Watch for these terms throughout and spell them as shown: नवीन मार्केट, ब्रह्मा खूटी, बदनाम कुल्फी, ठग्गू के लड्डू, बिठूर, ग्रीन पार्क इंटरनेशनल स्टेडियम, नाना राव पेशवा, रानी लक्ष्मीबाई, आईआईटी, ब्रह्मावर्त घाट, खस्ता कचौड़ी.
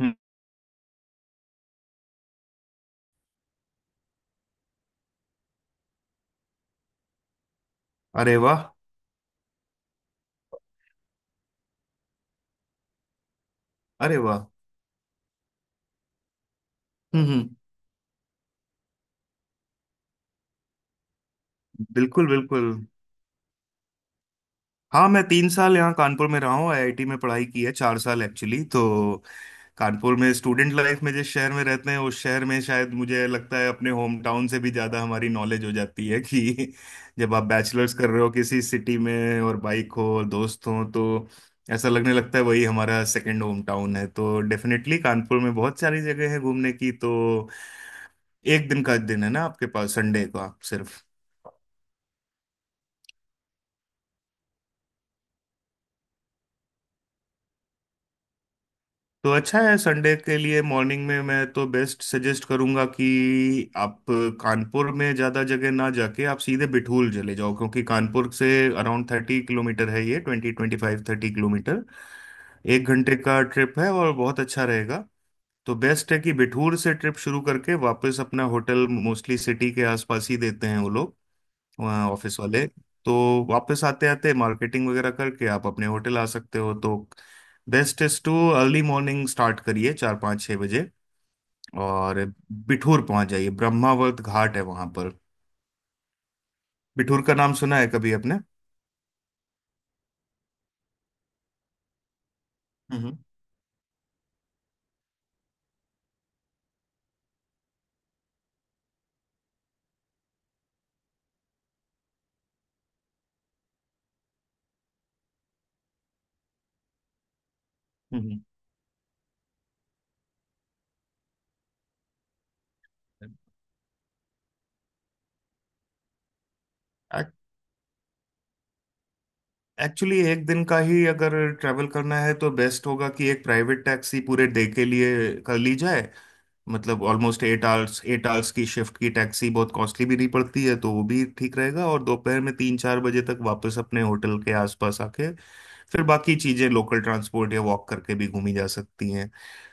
हम्म। अरे वाह। अरे वाह। हम्म हम्म। बिल्कुल बिल्कुल। हाँ, मैं तीन साल यहाँ कानपुर में रहा हूँ, आईआईटी में पढ़ाई की है, चार साल एक्चुअली। तो कानपुर में स्टूडेंट लाइफ में जिस शहर में रहते हैं उस शहर में शायद मुझे लगता है अपने होम टाउन से भी ज़्यादा हमारी नॉलेज हो जाती है कि जब आप बैचलर्स कर रहे हो किसी सिटी में और बाइक हो और दोस्त हो तो ऐसा लगने लगता है वही हमारा सेकेंड होम टाउन है। तो डेफिनेटली कानपुर में बहुत सारी जगह है घूमने की। तो एक दिन का दिन है ना आपके पास, संडे का सिर्फ। तो अच्छा है, संडे के लिए मॉर्निंग में मैं तो बेस्ट सजेस्ट करूंगा कि आप कानपुर में ज़्यादा जगह ना जाके आप सीधे बिठूल चले जाओ, क्योंकि कानपुर से अराउंड थर्टी किलोमीटर है ये, twenty twenty five thirty kilometre. एक घंटे का ट्रिप है और बहुत अच्छा रहेगा। तो बेस्ट है कि बिठूर से ट्रिप शुरू करके वापस, अपना होटल मोस्टली सिटी के आसपास ही देते हैं वो लोग, वहाँ ऑफिस वाले। तो वापस आते आते मार्केटिंग वगैरह करके आप अपने होटल आ सकते हो। तो best is to early morning start करिए चार पाँच छः बजे और बिठूर पहुंच जाइए, ब्रह्मावर्त घाट है वहां पर। बिठूर का नाम सुना है कभी आपने? हम्म हम्म। एक्चुअली एक दिन का ही अगर ट्रैवल करना है तो बेस्ट होगा कि एक प्राइवेट टैक्सी पूरे डे के लिए कर ली जाए। मतलब ऑलमोस्ट एट आवर्स की शिफ्ट की टैक्सी बहुत कॉस्टली भी नहीं पड़ती है तो वो भी ठीक रहेगा, और दोपहर में तीन चार बजे तक वापस अपने होटल के आसपास आके फिर बाकी चीजें लोकल ट्रांसपोर्ट या वॉक करके भी घूमी जा सकती हैं।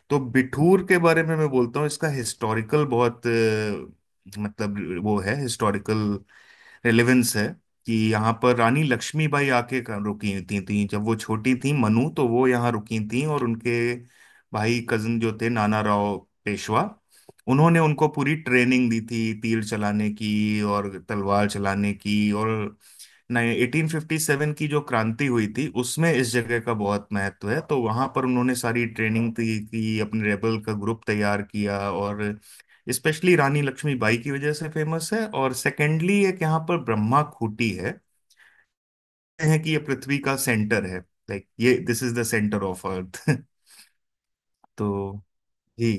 तो बिठूर के बारे में मैं बोलता हूँ, इसका हिस्टोरिकल बहुत मतलब वो है हिस्टोरिकल रेलेवेंस है कि यहाँ पर रानी लक्ष्मीबाई आके रुकी थी जब वो छोटी थी, मनु, तो वो यहाँ रुकी थी और उनके भाई कजन जो थे नाना राव पेशवा, उन्होंने उनको पूरी ट्रेनिंग दी थी तीर चलाने की और तलवार चलाने की और नहीं 1857 की जो क्रांति हुई थी उसमें इस जगह का बहुत महत्व है, तो वहां पर उन्होंने सारी ट्रेनिंग दी की अपने रेबल का ग्रुप तैयार किया। और स्पेशली रानी लक्ष्मीबाई की वजह से फेमस है, और सेकेंडली एक यहाँ पर ब्रह्मा खूटी है। कहते हैं कि ये पृथ्वी का सेंटर है, लाइक ये, this is the centre of अर्थ। तो जी।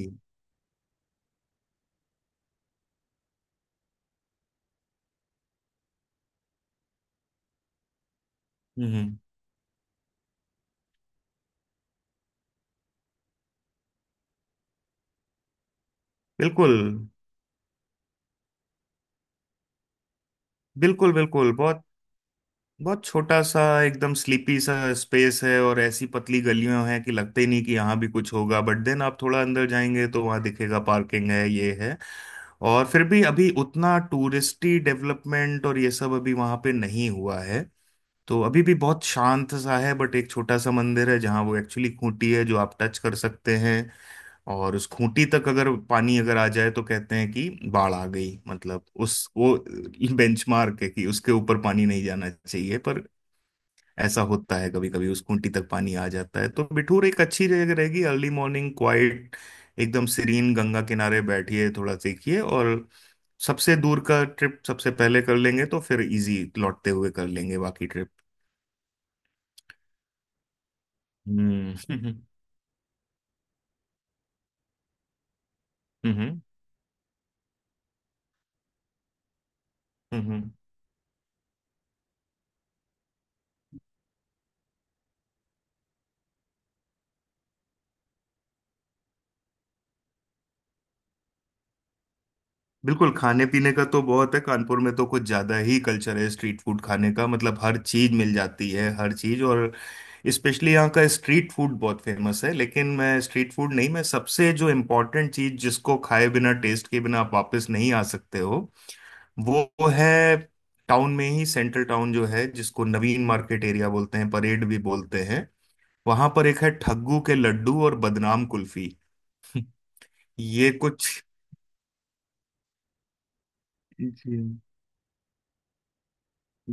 हम्म। बिल्कुल बिल्कुल। बिल्कुल बहुत बहुत छोटा सा एकदम स्लीपी सा स्पेस है और ऐसी पतली गलियां हैं कि लगते ही नहीं कि यहाँ भी कुछ होगा, बट देन आप थोड़ा अंदर जाएंगे तो वहाँ दिखेगा पार्किंग है ये है। और फिर भी अभी उतना टूरिस्टी डेवलपमेंट और ये सब अभी वहाँ पे नहीं हुआ है तो अभी भी बहुत शांत सा है। बट एक छोटा सा मंदिर है जहाँ वो एक्चुअली खूंटी है जो आप टच कर सकते हैं। और उस खूंटी तक अगर पानी अगर आ जाए तो कहते हैं कि बाढ़ आ गई, मतलब उस वो बेंचमार्क है कि उसके ऊपर पानी नहीं जाना चाहिए, पर ऐसा होता है कभी कभी उस खूंटी तक पानी आ जाता है। तो बिठूर एक अच्छी जगह रहेगी, अर्ली मॉर्निंग क्वाइट एकदम सीरीन गंगा किनारे बैठिए, थोड़ा सीखिए, और सबसे दूर का ट्रिप सबसे पहले कर लेंगे तो फिर इजी लौटते हुए कर लेंगे बाकी ट्रिप। हम्म हम्म। हम्म हम्म। बिल्कुल, खाने पीने का तो बहुत है, कानपुर में तो कुछ ज्यादा ही कल्चर है स्ट्रीट फूड खाने का, मतलब हर चीज मिल जाती है, हर चीज। और स्पेशली यहाँ का स्ट्रीट फूड बहुत फेमस है, लेकिन मैं स्ट्रीट फूड नहीं, मैं सबसे जो इम्पोर्टेंट चीज जिसको खाए बिना टेस्ट के बिना आप वापस नहीं आ सकते हो वो है टाउन में ही, सेंट्रल टाउन जो है जिसको नवीन मार्केट एरिया बोलते हैं, परेड भी बोलते हैं। वहां पर एक है ठग्गू के लड्डू और बदनाम कुल्फी। ये कुछ, जी,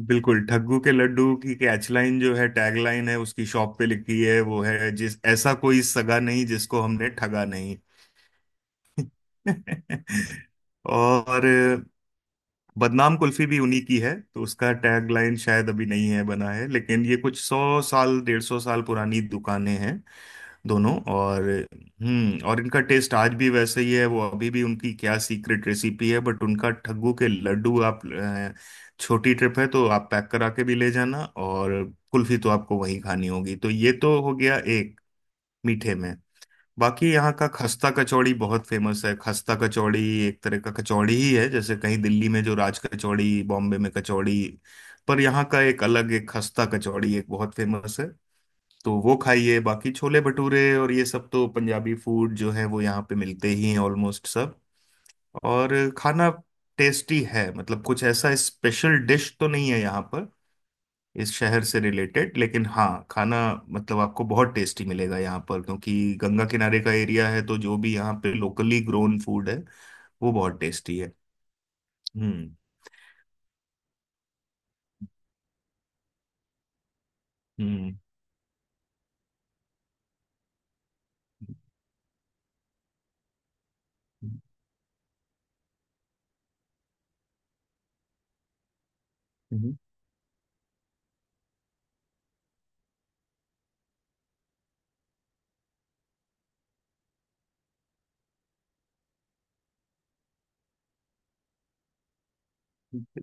बिल्कुल, ठग्गू के लड्डू की कैचलाइन जो है, टैगलाइन है, उसकी शॉप पे लिखी है, वो है जिस ऐसा कोई सगा नहीं जिसको हमने ठगा नहीं। और बदनाम कुल्फी भी उन्हीं की है, तो उसका टैगलाइन शायद अभी नहीं है बना है, लेकिन ये कुछ सौ साल डेढ़ सौ साल पुरानी दुकानें हैं दोनों। और हम्म, और इनका टेस्ट आज भी वैसे ही है, वो अभी भी उनकी क्या सीक्रेट रेसिपी है, बट उनका ठग्गू के लड्डू आप छोटी ट्रिप है तो आप पैक करा के भी ले जाना, और कुल्फी तो आपको वहीं खानी होगी। तो ये तो हो गया एक मीठे में। बाकी यहाँ का खस्ता कचौड़ी बहुत फेमस है, खस्ता कचौड़ी एक तरह का कचौड़ी ही है जैसे कहीं दिल्ली में जो राज कचौड़ी, बॉम्बे में कचौड़ी, पर यहाँ का एक अलग एक खस्ता कचौड़ी एक बहुत फेमस है। तो वो खाइए, बाकी छोले भटूरे और ये सब तो पंजाबी फूड जो है वो यहाँ पे मिलते ही हैं ऑलमोस्ट सब। और खाना टेस्टी है, मतलब कुछ ऐसा स्पेशल डिश तो नहीं है यहाँ पर इस शहर से रिलेटेड, लेकिन हाँ, खाना मतलब आपको बहुत टेस्टी मिलेगा यहाँ पर क्योंकि गंगा किनारे का एरिया है, तो जो भी यहाँ पे लोकली ग्रोन फूड है वो बहुत टेस्टी है। हम्म हम्म। हम्म, हम्म,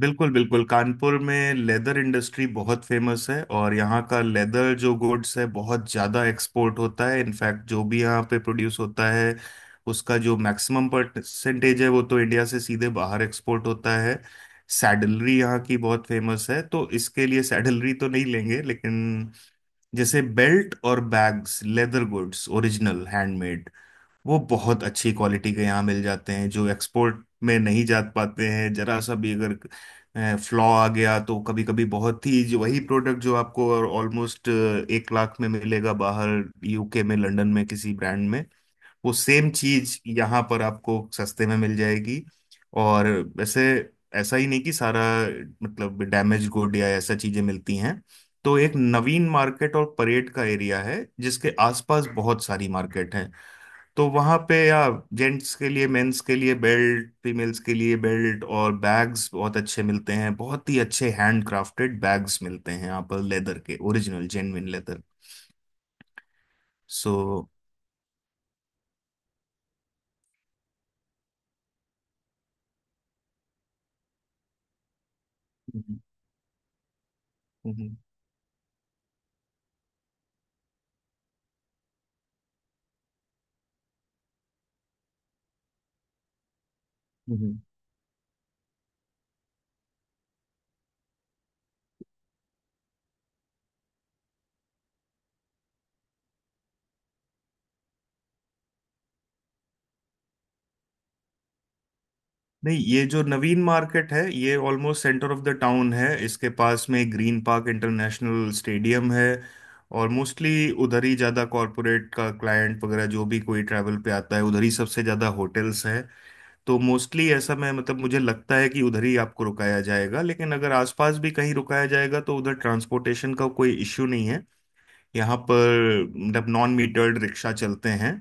बिल्कुल बिल्कुल, कानपुर में लेदर इंडस्ट्री बहुत फेमस है, और यहाँ का लेदर जो गुड्स है बहुत ज़्यादा एक्सपोर्ट होता है, इनफैक्ट जो भी यहाँ पे प्रोड्यूस होता है उसका जो मैक्सिमम परसेंटेज है वो तो इंडिया से सीधे बाहर एक्सपोर्ट होता है। सैडलरी यहाँ की बहुत फेमस है, तो इसके लिए सैडलरी तो नहीं लेंगे, लेकिन जैसे बेल्ट और bags, leather goods original handmade, वो बहुत अच्छी क्वालिटी के यहाँ मिल जाते हैं जो एक्सपोर्ट में नहीं जा पाते हैं जरा सा भी अगर फ्लॉ आ गया तो, कभी कभी बहुत ही जो वही प्रोडक्ट जो आपको ऑलमोस्ट एक लाख में मिलेगा बाहर, यूके में, लंदन में किसी ब्रांड में, वो सेम चीज यहाँ पर आपको सस्ते में मिल जाएगी। और वैसे ऐसा ही नहीं कि सारा मतलब डैमेज गुड या ऐसा चीजें मिलती हैं। तो एक नवीन मार्केट और परेड का एरिया है जिसके आसपास बहुत सारी मार्केट है, तो वहां पे, या जेंट्स के लिए मेंस के लिए बेल्ट, फीमेल्स के लिए बेल्ट और बैग्स बहुत अच्छे मिलते हैं, बहुत ही अच्छे हैंड क्राफ्टेड बैग्स मिलते हैं यहाँ पर लेदर के ओरिजिनल जेन्युइन लेदर। सो, नहीं, ये जो नवीन मार्केट है ये almost centre of the town है, इसके पास में ग्रीन पार्क इंटरनेशनल स्टेडियम है, और मोस्टली उधर ही ज़्यादा कॉरपोरेट का क्लाइंट वगैरह जो भी कोई ट्रैवल पे आता है उधर ही सबसे ज़्यादा होटल्स हैं। तो मोस्टली ऐसा मैं, मतलब मुझे लगता है कि उधर ही आपको रुकाया जाएगा, लेकिन अगर आसपास भी कहीं रुकाया जाएगा तो उधर ट्रांसपोर्टेशन का कोई इश्यू नहीं है, यहाँ पर मतलब नॉन मीटर्ड रिक्शा चलते हैं।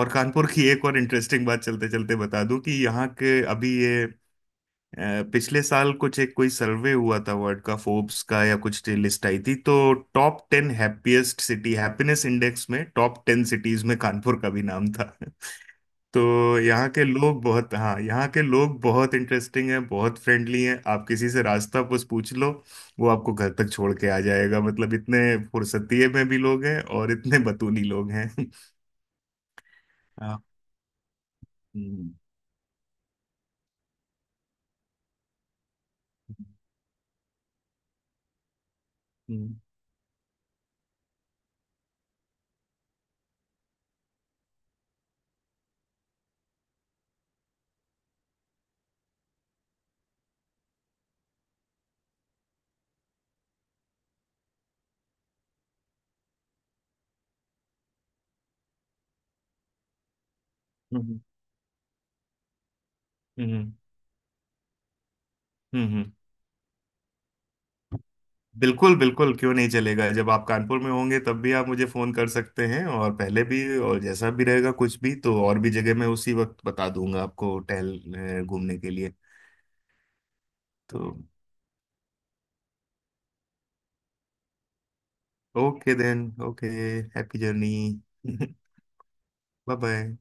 और कानपुर की एक और इंटरेस्टिंग बात चलते चलते बता दूं कि यहाँ के अभी ये पिछले साल कुछ एक कोई सर्वे हुआ था वर्ल्ड का, फोर्ब्स का, या कुछ लिस्ट आई थी तो top ten happiest city, happiness index में टॉप टेन सिटीज में कानपुर का भी नाम था। तो यहाँ के लोग बहुत, हाँ, यहाँ के लोग बहुत इंटरेस्टिंग हैं, बहुत फ्रेंडली हैं, आप किसी से रास्ता बस पूछ लो वो आपको घर तक छोड़ के आ जाएगा, मतलब इतने फुर्सतीये में भी लोग हैं और इतने बतूनी लोग हैं। आप। हम्म हम्म। हम्म हम्म, हम्म। बिल्कुल बिल्कुल, क्यों नहीं चलेगा, जब आप कानपुर में होंगे तब भी आप मुझे फोन कर सकते हैं और पहले भी, और जैसा भी रहेगा कुछ भी तो और भी जगह मैं उसी वक्त बता दूंगा आपको, घूमने के लिए। तो okay then, okay, happy journey, bye bye.